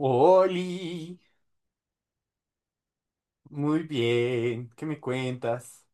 Oli, muy bien, ¿qué me cuentas?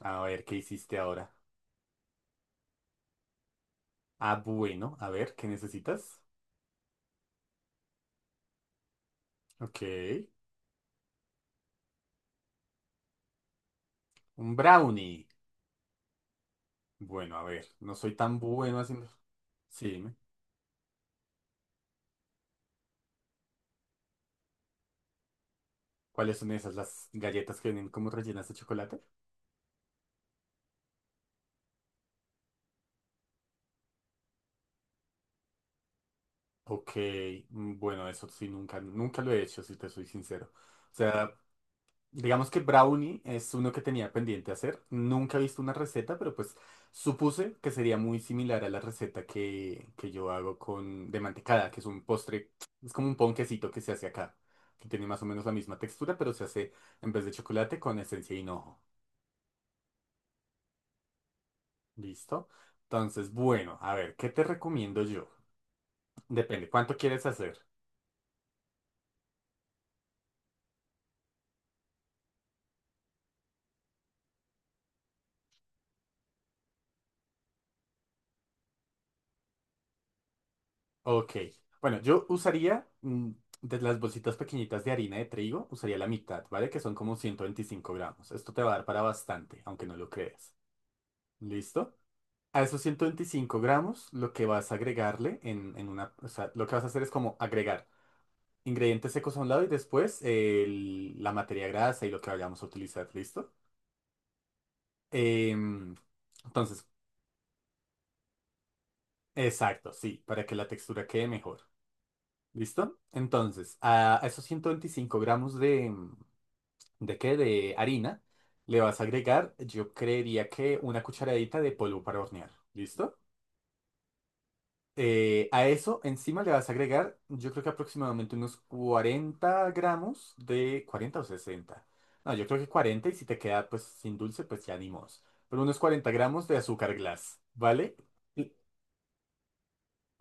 A ver, ¿qué hiciste ahora? Ah, bueno, a ver, ¿qué necesitas? Ok, un brownie. Bueno, a ver, no soy tan bueno haciendo... Sí, dime, ¿cuáles son esas, las galletas que vienen como rellenas de chocolate? Ok, bueno, eso sí, nunca lo he hecho, si te soy sincero. O sea, digamos que brownie es uno que tenía pendiente hacer. Nunca he visto una receta, pero pues supuse que sería muy similar a la receta que yo hago con de mantecada, que es un postre, es como un ponquecito que se hace acá, que tiene más o menos la misma textura, pero se hace en vez de chocolate con esencia de hinojo. ¿Listo? Entonces, bueno, a ver, ¿qué te recomiendo yo? Depende, ¿cuánto quieres hacer? Ok. Bueno, yo usaría de las bolsitas pequeñitas de harina de trigo, usaría la mitad, ¿vale? Que son como 125 gramos. Esto te va a dar para bastante, aunque no lo creas. ¿Listo? A esos 125 gramos, lo que vas a agregarle en una... O sea, lo que vas a hacer es como agregar ingredientes secos a un lado y después la materia grasa y lo que vayamos a utilizar, ¿listo? Em, entonces, exacto, sí, para que la textura quede mejor. ¿Listo? Entonces, a esos 125 gramos de, ¿de qué? De harina. Le vas a agregar, yo creería que una cucharadita de polvo para hornear. ¿Listo? A eso encima le vas a agregar, yo creo que aproximadamente unos 40 gramos de 40 o sesenta. No, yo creo que 40 y si te queda pues sin dulce, pues ya ni modos. Pero unos 40 gramos de azúcar glass, ¿vale? Y-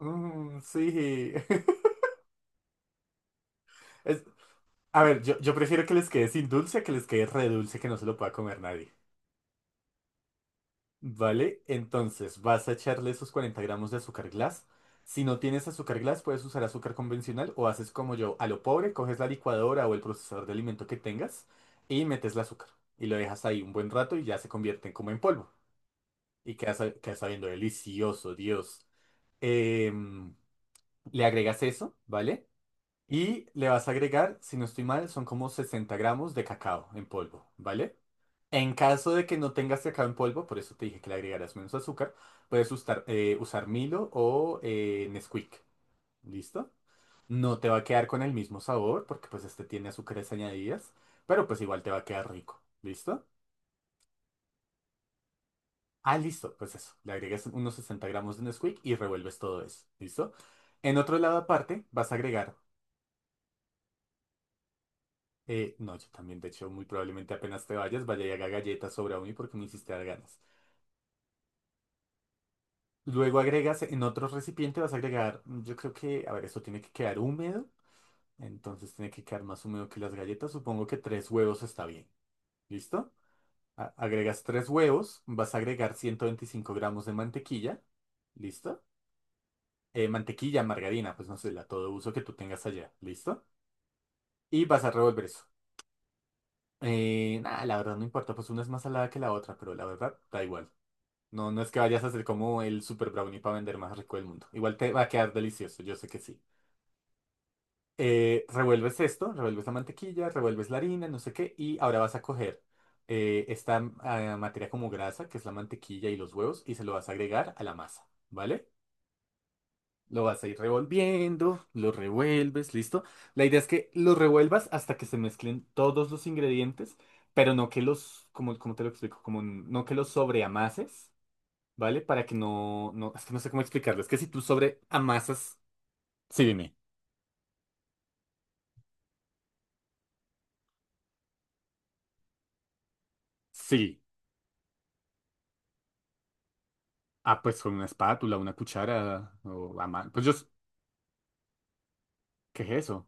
Mm, sí. Es- a ver, yo prefiero que les quede sin dulce a que les quede re dulce que no se lo pueda comer nadie. Vale, entonces vas a echarle esos 40 gramos de azúcar glass. Si no tienes azúcar glass, puedes usar azúcar convencional o haces como yo, a lo pobre, coges la licuadora o el procesador de alimento que tengas y metes el azúcar. Y lo dejas ahí un buen rato y ya se convierten como en polvo. Y queda, queda sabiendo delicioso, Dios. Em, le agregas eso, ¿vale? Y le vas a agregar, si no estoy mal, son como 60 gramos de cacao en polvo, ¿vale? En caso de que no tengas cacao en polvo, por eso te dije que le agregarás menos azúcar, puedes usar, usar Milo o Nesquik. ¿Listo? No te va a quedar con el mismo sabor porque pues este tiene azúcares añadidas, pero pues igual te va a quedar rico. ¿Listo? Ah, listo. Pues eso. Le agregas unos 60 gramos de Nesquik y revuelves todo eso. ¿Listo? En otro lado aparte vas a agregar... no, yo también, de hecho, muy probablemente apenas te vayas, vaya y haga galletas o brownie porque me hiciste dar ganas. Luego agregas en otro recipiente, vas a agregar, yo creo que, a ver, esto tiene que quedar húmedo, entonces tiene que quedar más húmedo que las galletas, supongo que tres huevos está bien, ¿listo? Agregas tres huevos, vas a agregar 125 gramos de mantequilla, ¿listo? Mantequilla, margarina, pues no sé, la todo uso que tú tengas allá, ¿listo? Y vas a revolver eso. Nada, la verdad no importa, pues una es más salada que la otra, pero la verdad da igual. No, no es que vayas a hacer como el super brownie para vender más rico del mundo. Igual te va a quedar delicioso, yo sé que sí. Revuelves esto, revuelves la mantequilla, revuelves la harina, no sé qué, y ahora vas a coger esta materia como grasa, que es la mantequilla y los huevos, y se lo vas a agregar a la masa, ¿vale? Lo vas a ir revolviendo, lo revuelves, listo. La idea es que lo revuelvas hasta que se mezclen todos los ingredientes, pero no que los, como, como te lo explico, como no que los sobreamases, ¿vale? Para que no, es que no sé cómo explicarlo, es que si tú sobreamasas, sí, dime, sí. Ah, pues con una espátula, una cuchara o a mano. Pues yo... ¿Qué es eso?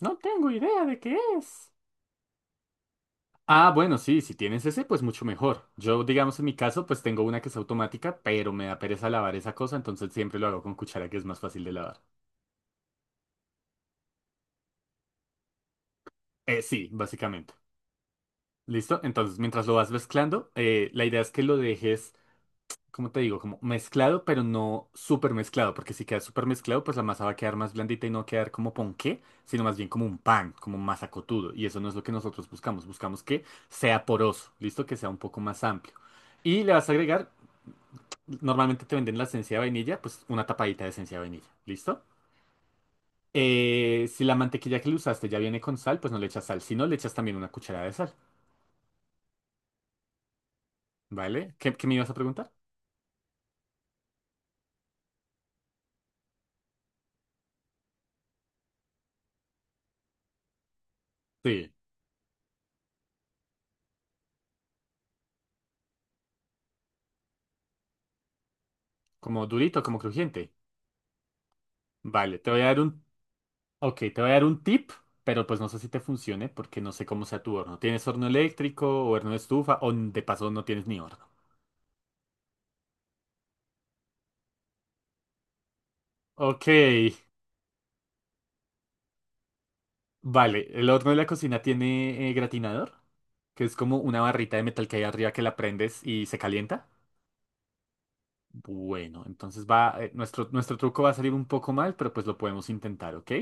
No tengo idea de qué es. Ah, bueno, sí, si tienes ese, pues mucho mejor. Yo, digamos, en mi caso, pues tengo una que es automática, pero me da pereza lavar esa cosa, entonces siempre lo hago con cuchara, que es más fácil de lavar. Sí, básicamente. ¿Listo? Entonces, mientras lo vas mezclando, la idea es que lo dejes como te digo, como mezclado, pero no súper mezclado, porque si queda súper mezclado, pues la masa va a quedar más blandita y no va a quedar como ponqué, sino más bien como un pan, como masa cotudo. Y eso no es lo que nosotros buscamos, buscamos que sea poroso, listo, que sea un poco más amplio. Y le vas a agregar, normalmente te venden la esencia de vainilla, pues una tapadita de esencia de vainilla, ¿listo? Si la mantequilla que le usaste ya viene con sal, pues no le echas sal, si no le echas también una cucharada de sal, ¿vale? ¿Qué, qué me ibas a preguntar? Sí, como durito, como crujiente. Vale, te voy a dar un. Ok, te voy a dar un tip, pero pues no sé si te funcione porque no sé cómo sea tu horno. ¿Tienes horno eléctrico o horno de estufa o de paso no tienes ni horno? Ok, vale. El horno de la cocina tiene gratinador, que es como una barrita de metal que hay arriba que la prendes y se calienta. Bueno, entonces va, nuestro truco va a salir un poco mal, pero pues lo podemos intentar, ¿ok?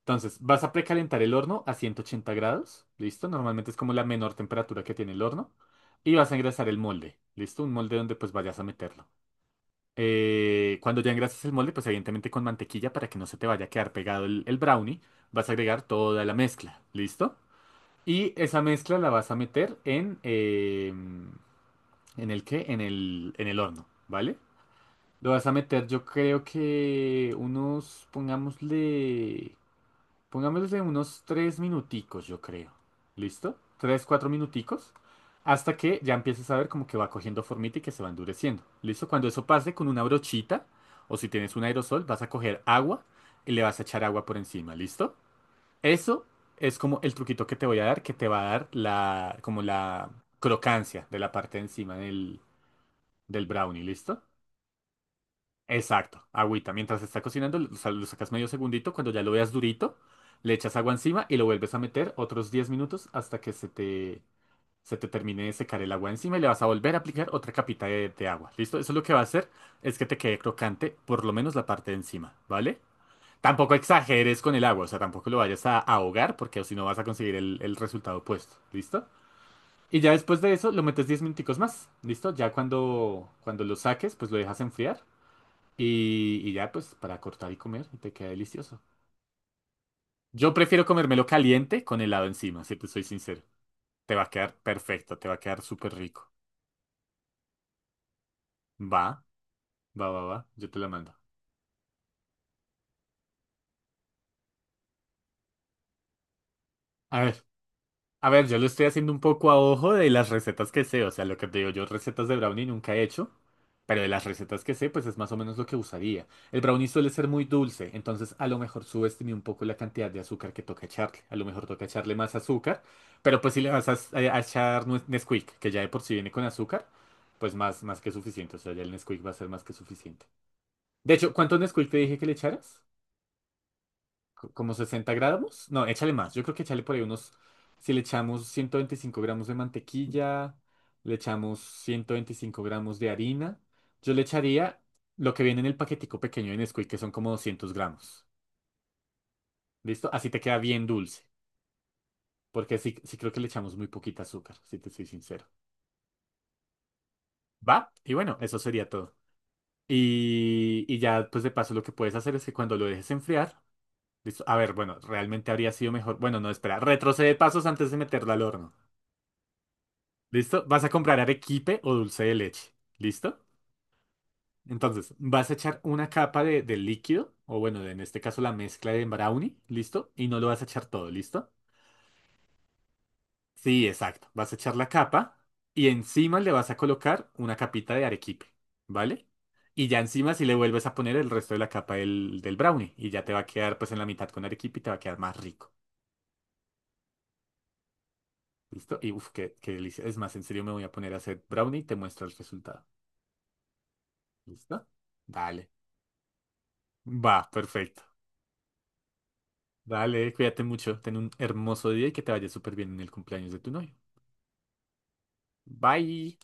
Entonces, vas a precalentar el horno a 180 grados, ¿listo? Normalmente es como la menor temperatura que tiene el horno. Y vas a engrasar el molde, ¿listo? Un molde donde pues vayas a meterlo. Cuando ya engrases el molde, pues evidentemente con mantequilla para que no se te vaya a quedar pegado el brownie, vas a agregar toda la mezcla, ¿listo? Y esa mezcla la vas a meter ¿en el qué? En el horno, ¿vale? Lo vas a meter yo creo que unos, pongámosle... Pongámosles en unos tres minuticos, yo creo. ¿Listo? Tres, cuatro minuticos. Hasta que ya empieces a ver como que va cogiendo formita y que se va endureciendo. ¿Listo? Cuando eso pase con una brochita, o si tienes un aerosol, vas a coger agua y le vas a echar agua por encima. ¿Listo? Eso es como el truquito que te voy a dar, que te va a dar la, como la crocancia de la parte de encima del brownie. ¿Listo? Exacto, agüita. Mientras se está cocinando, lo sacas medio segundito. Cuando ya lo veas durito, le echas agua encima y lo vuelves a meter otros 10 minutos hasta que se te termine de secar el agua encima y le vas a volver a aplicar otra capita de agua. ¿Listo? Eso lo que va a hacer es que te quede crocante, por lo menos la parte de encima, ¿vale? Tampoco exageres con el agua, o sea, tampoco lo vayas a ahogar porque o si no vas a conseguir el resultado opuesto. ¿Listo? Y ya después de eso lo metes 10 minuticos más. ¿Listo? Ya cuando, cuando lo saques, pues lo dejas enfriar. Y ya, pues, para cortar y comer, y te queda delicioso. Yo prefiero comérmelo caliente con helado encima, si te soy sincero. Te va a quedar perfecto, te va a quedar súper rico. Va, va, va, yo te la mando. A ver, A ver, yo lo estoy haciendo un poco a ojo de las recetas que sé, o sea, lo que te digo, yo recetas de brownie nunca he hecho, pero de las recetas que sé, pues es más o menos lo que usaría. El brownie suele ser muy dulce, entonces a lo mejor subestimé un poco la cantidad de azúcar que toca echarle, a lo mejor toca echarle más azúcar, pero pues si le vas a echar Nesquik, que ya de por sí viene con azúcar, pues más que suficiente, o sea, ya el Nesquik va a ser más que suficiente. De hecho, ¿cuánto Nesquik te dije que le echaras? Como 60 gramos. No, échale más. Yo creo que échale por ahí unos. Si le echamos 125 gramos de mantequilla, le echamos 125 gramos de harina. Yo le echaría lo que viene en el paquetico pequeño de Nesquik, que son como 200 gramos. ¿Listo? Así te queda bien dulce. Porque sí, sí creo que le echamos muy poquita azúcar, si te soy sincero. ¿Va? Y bueno, eso sería todo. Y ya, pues de paso, lo que puedes hacer es que cuando lo dejes enfriar, ¿listo? A ver, bueno, realmente habría sido mejor. Bueno, no, espera, retrocede pasos antes de meterlo al horno. ¿Listo? Vas a comprar arequipe o dulce de leche. ¿Listo? Entonces, vas a echar una capa de líquido, o bueno, en este caso la mezcla de brownie, ¿listo? Y no lo vas a echar todo, ¿listo? Sí, exacto. Vas a echar la capa y encima le vas a colocar una capita de arequipe, ¿vale? Y ya encima si le vuelves a poner el resto de la capa del brownie y ya te va a quedar pues en la mitad con arequipe y te va a quedar más rico, ¿listo? Y uff, qué, qué delicia. Es más, en serio me voy a poner a hacer brownie y te muestro el resultado, ¿listo? Dale. Va, perfecto. Vale, cuídate mucho, ten un hermoso día y que te vaya súper bien en el cumpleaños de tu novio. Bye.